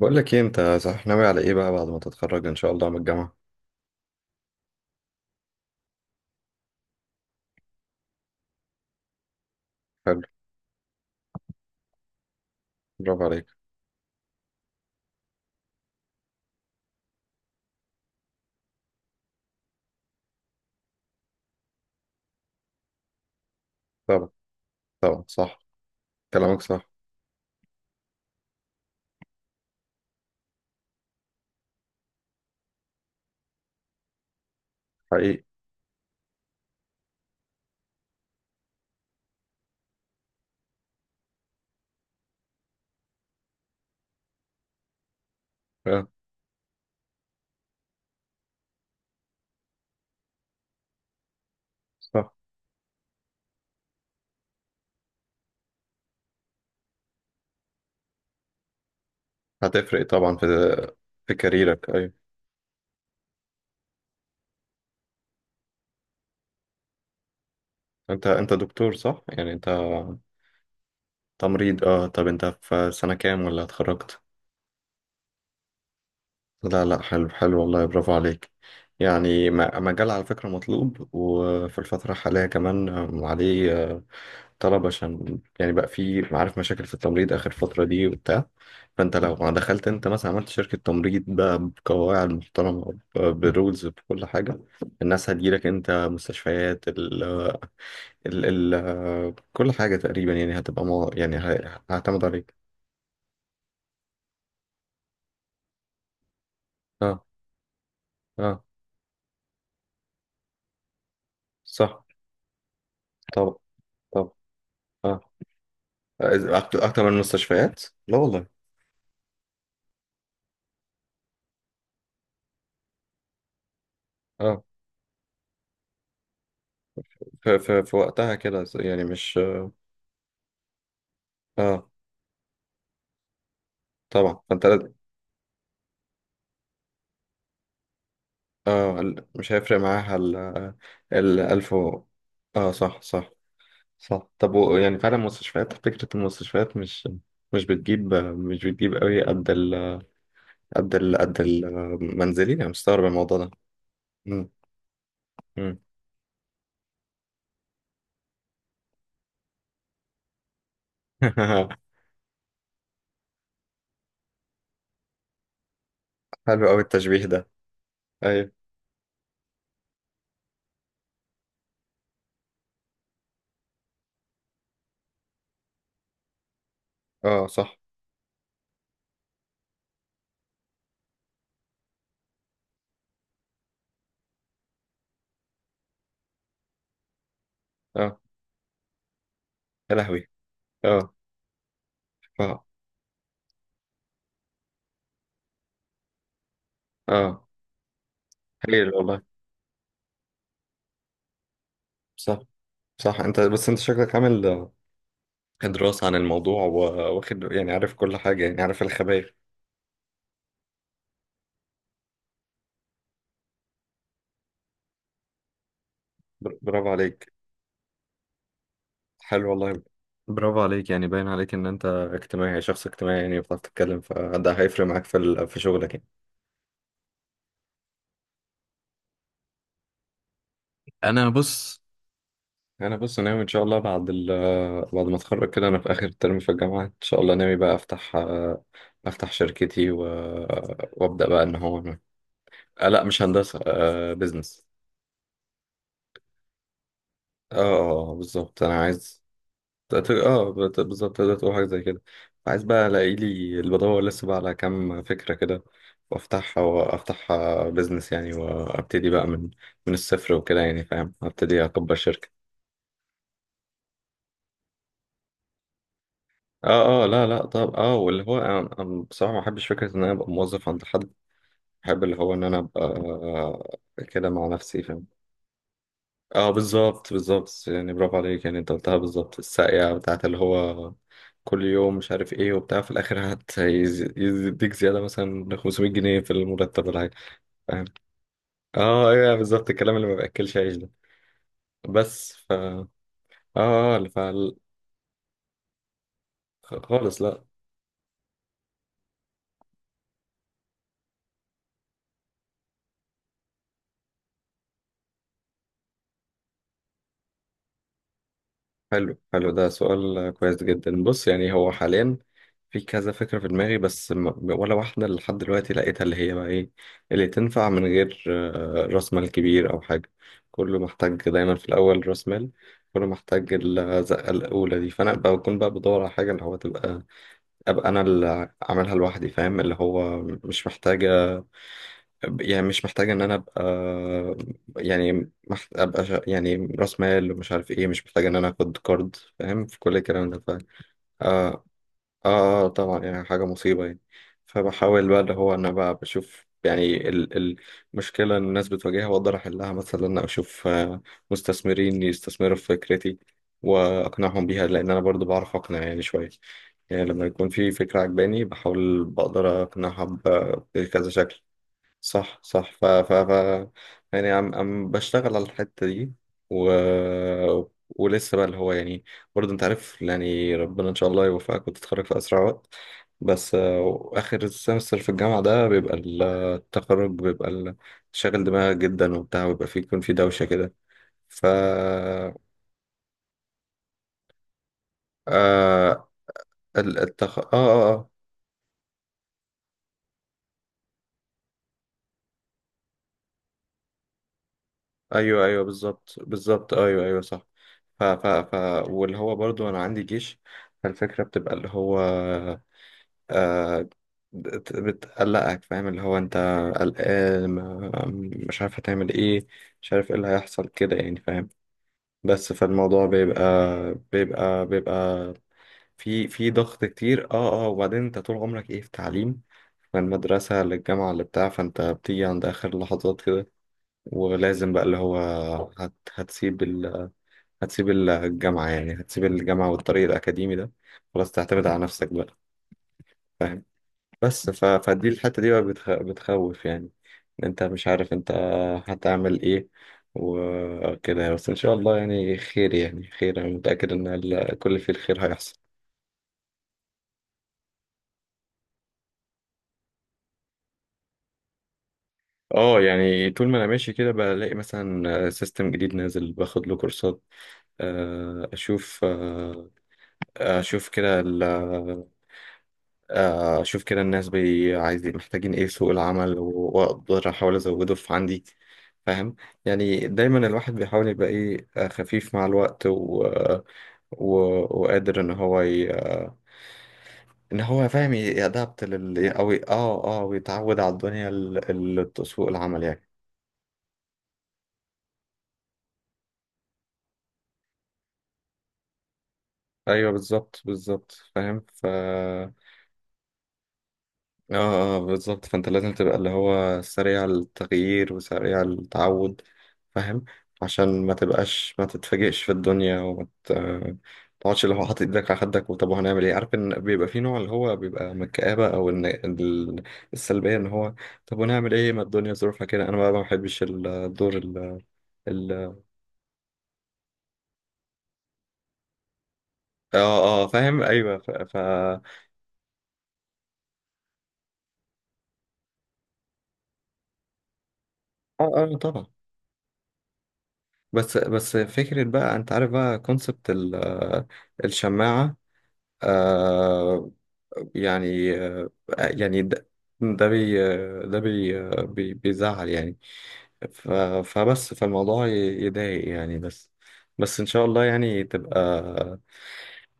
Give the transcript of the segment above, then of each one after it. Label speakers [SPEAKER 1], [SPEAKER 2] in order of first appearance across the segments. [SPEAKER 1] بقول لك ايه، انت صح ناوي على ايه بقى بعد ما تتخرج ان شاء الله من الجامعه؟ حلو. برافو عليك. طبعا، طبعا صح. كلامك صح. حقيقي. اه. صح. هتفرق طبعا في كاريرك، ايوه. انت دكتور صح يعني انت؟ تمريض، اه. طب انت في سنه كام ولا اتخرجت؟ لا لا، حلو حلو، والله برافو عليك. يعني مجال على فكره مطلوب، وفي الفتره الحاليه كمان عليه طلب. عشان يعني بقى في، عارف، مشاكل في التمريض آخر فترة دي وبتاع. فأنت لو ما دخلت أنت مثلا عملت شركة تمريض بقى، بقواعد محترمة، برولز، بكل حاجة، الناس هتجيلك أنت. مستشفيات ال ال كل حاجة تقريبا يعني هتبقى مو يعني هعتمد عليك. اه. اه. صح. طب. طب. اه. إذا أكتر من المستشفيات؟ لا والله. اه. في وقتها كده يعني، مش. اه. طبعا فانت. اه، مش هيفرق معاها ال، ال ألف و... اه، صح صح. صح. طب و... يعني فعلا مستشفيات، فكرة المستشفيات مش، مش بتجيب قوي قد ال، قد ال، قد المنزلي. أنا مستغرب الموضوع ده. مم. مم. حلو قوي التشبيه ده. أيوة. اه صح. اه يا لهوي. اه اه اه، هايل والله. صح صح. انت بس انت شكلك عامل دراسة عن الموضوع، واخد، يعني عارف كل حاجة، يعني عارف الخبايا. برافو عليك. حلو والله. برافو عليك. يعني باين عليك ان انت اجتماعي، يعني شخص اجتماعي، يعني بتعرف تتكلم، فده هيفرق معاك في في شغلك يعني. انا بص. انا بص ناوي ان شاء الله بعد ال، بعد ما اتخرج كده، انا في اخر ترم في الجامعه، ان شاء الله ناوي بقى افتح، افتح شركتي و... وابدا بقى ان هو أنا... آه لا، مش هندسه، بزنس. اه، بالظبط، انا عايز. بالظبط، تقدر تقول حاجة زي كده. عايز بقى الاقي لي اللي بدور لسه بقى على كام فكرة كده، وافتحها، وافتحها بيزنس يعني، وابتدي بقى من، من الصفر وكده يعني، فاهم، ابتدي اكبر شركة. اه. اه. لا لا. طب اه، واللي هو أنا بصراحة ما بحبش فكرة ان انا ابقى موظف عند حد. بحب اللي هو ان انا ابقى كده مع نفسي، فاهم. اه بالظبط، بالظبط. يعني برافو عليك، يعني انت قلتها بالظبط. الساقية بتاعت اللي هو، كل يوم مش عارف ايه وبتاع، في الاخر يديك زياده مثلا 500 جنيه في المرتب ولا حاجه. فاهم. اه ايوه بالظبط، الكلام اللي ما باكلش عيش ده. بس ف اه، فال... خالص لا. حلو حلو، ده سؤال كويس جدا. بص يعني، هو حاليا في كذا فكرة في دماغي، بس ولا واحدة لحد دلوقتي لقيتها اللي هي بقى ايه اللي تنفع من غير راس مال كبير أو حاجة. كله محتاج دايما في الأول راس مال. كله محتاج الزقة الأولى دي. فأنا بكون بقى بدور على حاجة اللي هو تبقى، أبقى أنا اللي عاملها لوحدي، فاهم، اللي هو مش محتاجة، يعني مش محتاجة إن أنا أبقى، يعني أبقى يعني رأس مال، ومش عارف إيه، مش محتاجة إن أنا آخد كارد، فاهم، في كل الكلام ده، ف. آه. طبعا، يعني حاجة مصيبة يعني. فبحاول بقى اللي هو أنا بقى بشوف يعني ال... المشكلة اللي الناس بتواجهها وأقدر أحلها، مثلا إن أنا أشوف مستثمرين يستثمروا في فكرتي وأقنعهم بيها، لأن أنا برضو بعرف أقنع يعني شوية. يعني لما يكون في فكرة عجباني بحاول بقدر أقنعها بكذا شكل. صح صح. ف يعني عم بشتغل على الحتة دي و... ولسه بقى اللي هو يعني، برضه انت عارف يعني ربنا ان شاء الله يوفقك وتتخرج في اسرع وقت. بس اخر السمستر في الجامعة ده بيبقى التخرج بيبقى شاغل دماغك جدا وبتاع، ويبقى فيه، يكون في دوشة كده. ف آه، اه اه آه. ايوه ايوه بالظبط، بالظبط ايوه ايوه صح. ف واللي هو برضو انا عندي جيش. فالفكره بتبقى اللي هو، آه، بتقلقك. فاهم، اللي هو انت قلقان، مش عارف هتعمل ايه، مش عارف ايه اللي هيحصل كده يعني، فاهم. بس فالموضوع بيبقى في ضغط كتير. اه اه. وبعدين انت طول عمرك ايه في تعليم، من المدرسة للجامعة اللي بتاع، فانت بتيجي عند آخر لحظات كده، ولازم بقى اللي هو هتسيب، هتسيب الجامعة، يعني هتسيب الجامعة والطريق الأكاديمي ده خلاص، تعتمد على نفسك بقى. فاهم. بس فدي الحتة دي بقى بتخوف يعني. إن أنت مش عارف أنت هتعمل إيه وكده. بس إن شاء الله يعني خير، يعني خير، أنا متأكد إن كل في الخير هيحصل. اه. يعني طول ما انا ماشي كده بلاقي مثلا سيستم جديد نازل، باخد له كورسات. اشوف اشوف كده اشوف كده الناس بي عايزين محتاجين ايه في سوق العمل، واقدر احاول ازوده في عندي. فاهم. يعني دايما الواحد بيحاول يبقى ايه خفيف مع الوقت و... و... وقادر ان هو ي... ان هو فاهم يأدبت لل او اه اه، ويتعود على الدنيا ال... ال... سوق العمل يعني. ايوه بالظبط بالظبط فاهم. ف اه، بالظبط. فانت لازم تبقى اللي هو سريع التغيير وسريع التعود، فاهم، عشان ما تبقاش ما تتفاجئش في الدنيا، وما تقعدش اللي هو حاطط ايدك على خدك وطب هنعمل ايه. عارف ان بيبقى في نوع اللي هو بيبقى من الكآبة او ان السلبية، ان هو طب هنعمل ايه ما الدنيا ظروفها كده. انا بقى ما بحبش الدور ال، ال. اه اه فاهم ايوه. ف، ف... اه. اه طبعا. بس بس فكرة بقى، انت عارف بقى كونسبت الشماعة. آه، يعني، آه، يعني ده، ده بي ده بي بي بيزعل يعني. ف- فبس، فالموضوع يضايق يعني. بس بس إن شاء الله يعني تبقى،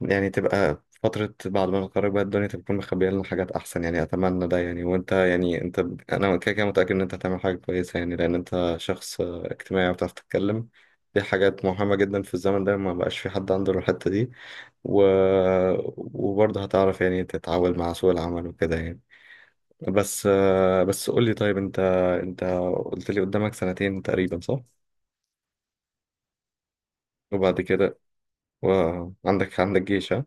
[SPEAKER 1] يعني تبقى فترة بعد ما نتخرج بقى، الدنيا تكون مخبية لنا حاجات أحسن يعني، أتمنى ده يعني. وأنت يعني أنت، أنا كده كده متأكد إن أنت هتعمل حاجة كويسة يعني، لأن أنت شخص اجتماعي وبتعرف تتكلم. دي حاجات مهمة جدا في الزمن ده، ما بقاش في حد عنده الحتة دي. و... وبرضه هتعرف يعني تتعامل مع سوق العمل وكده يعني. بس بس قول لي، طيب أنت، أنت قلت لي قدامك سنتين تقريبا صح؟ وبعد كده. وعندك، عندك جيش، ها؟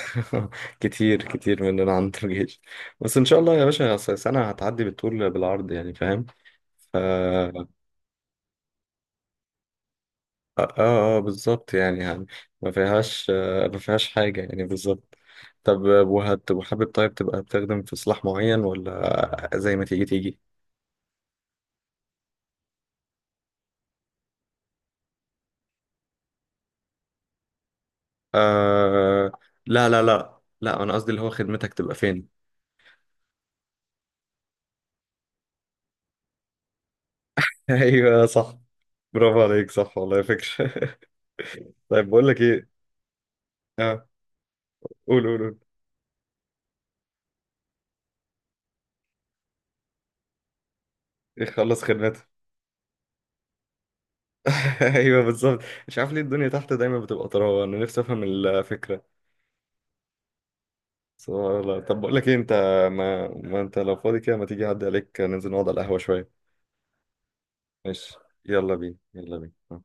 [SPEAKER 1] كتير كتير مننا عند الجيش. بس ان شاء الله يا باشا، أصل سنة هتعدي بالطول بالعرض يعني، فاهم. ف اه اه، بالظبط يعني، يعني ما فيهاش ما فيهاش حاجة يعني، بالظبط. طب وهت، وحابب طيب تبقى بتخدم في سلاح معين، ولا زي ما تيجي تيجي؟ آه لا لا لا لا، انا قصدي اللي هو خدمتك تبقى فين. ايوه صح. برافو عليك، صح والله فكرة. طيب بقول لك ايه. اه قول قول قول. إيه، خلص خدمتك. ايوه بالظبط. مش عارف ليه الدنيا تحت دايما بتبقى طراوه، انا نفسي افهم الفكره. سبحان الله. طب بقول لك ايه، انت ما انت لو فاضي كده، ما تيجي اعدي عليك ننزل نقعد على القهوه شويه. ماشي. يلا بينا يلا بينا.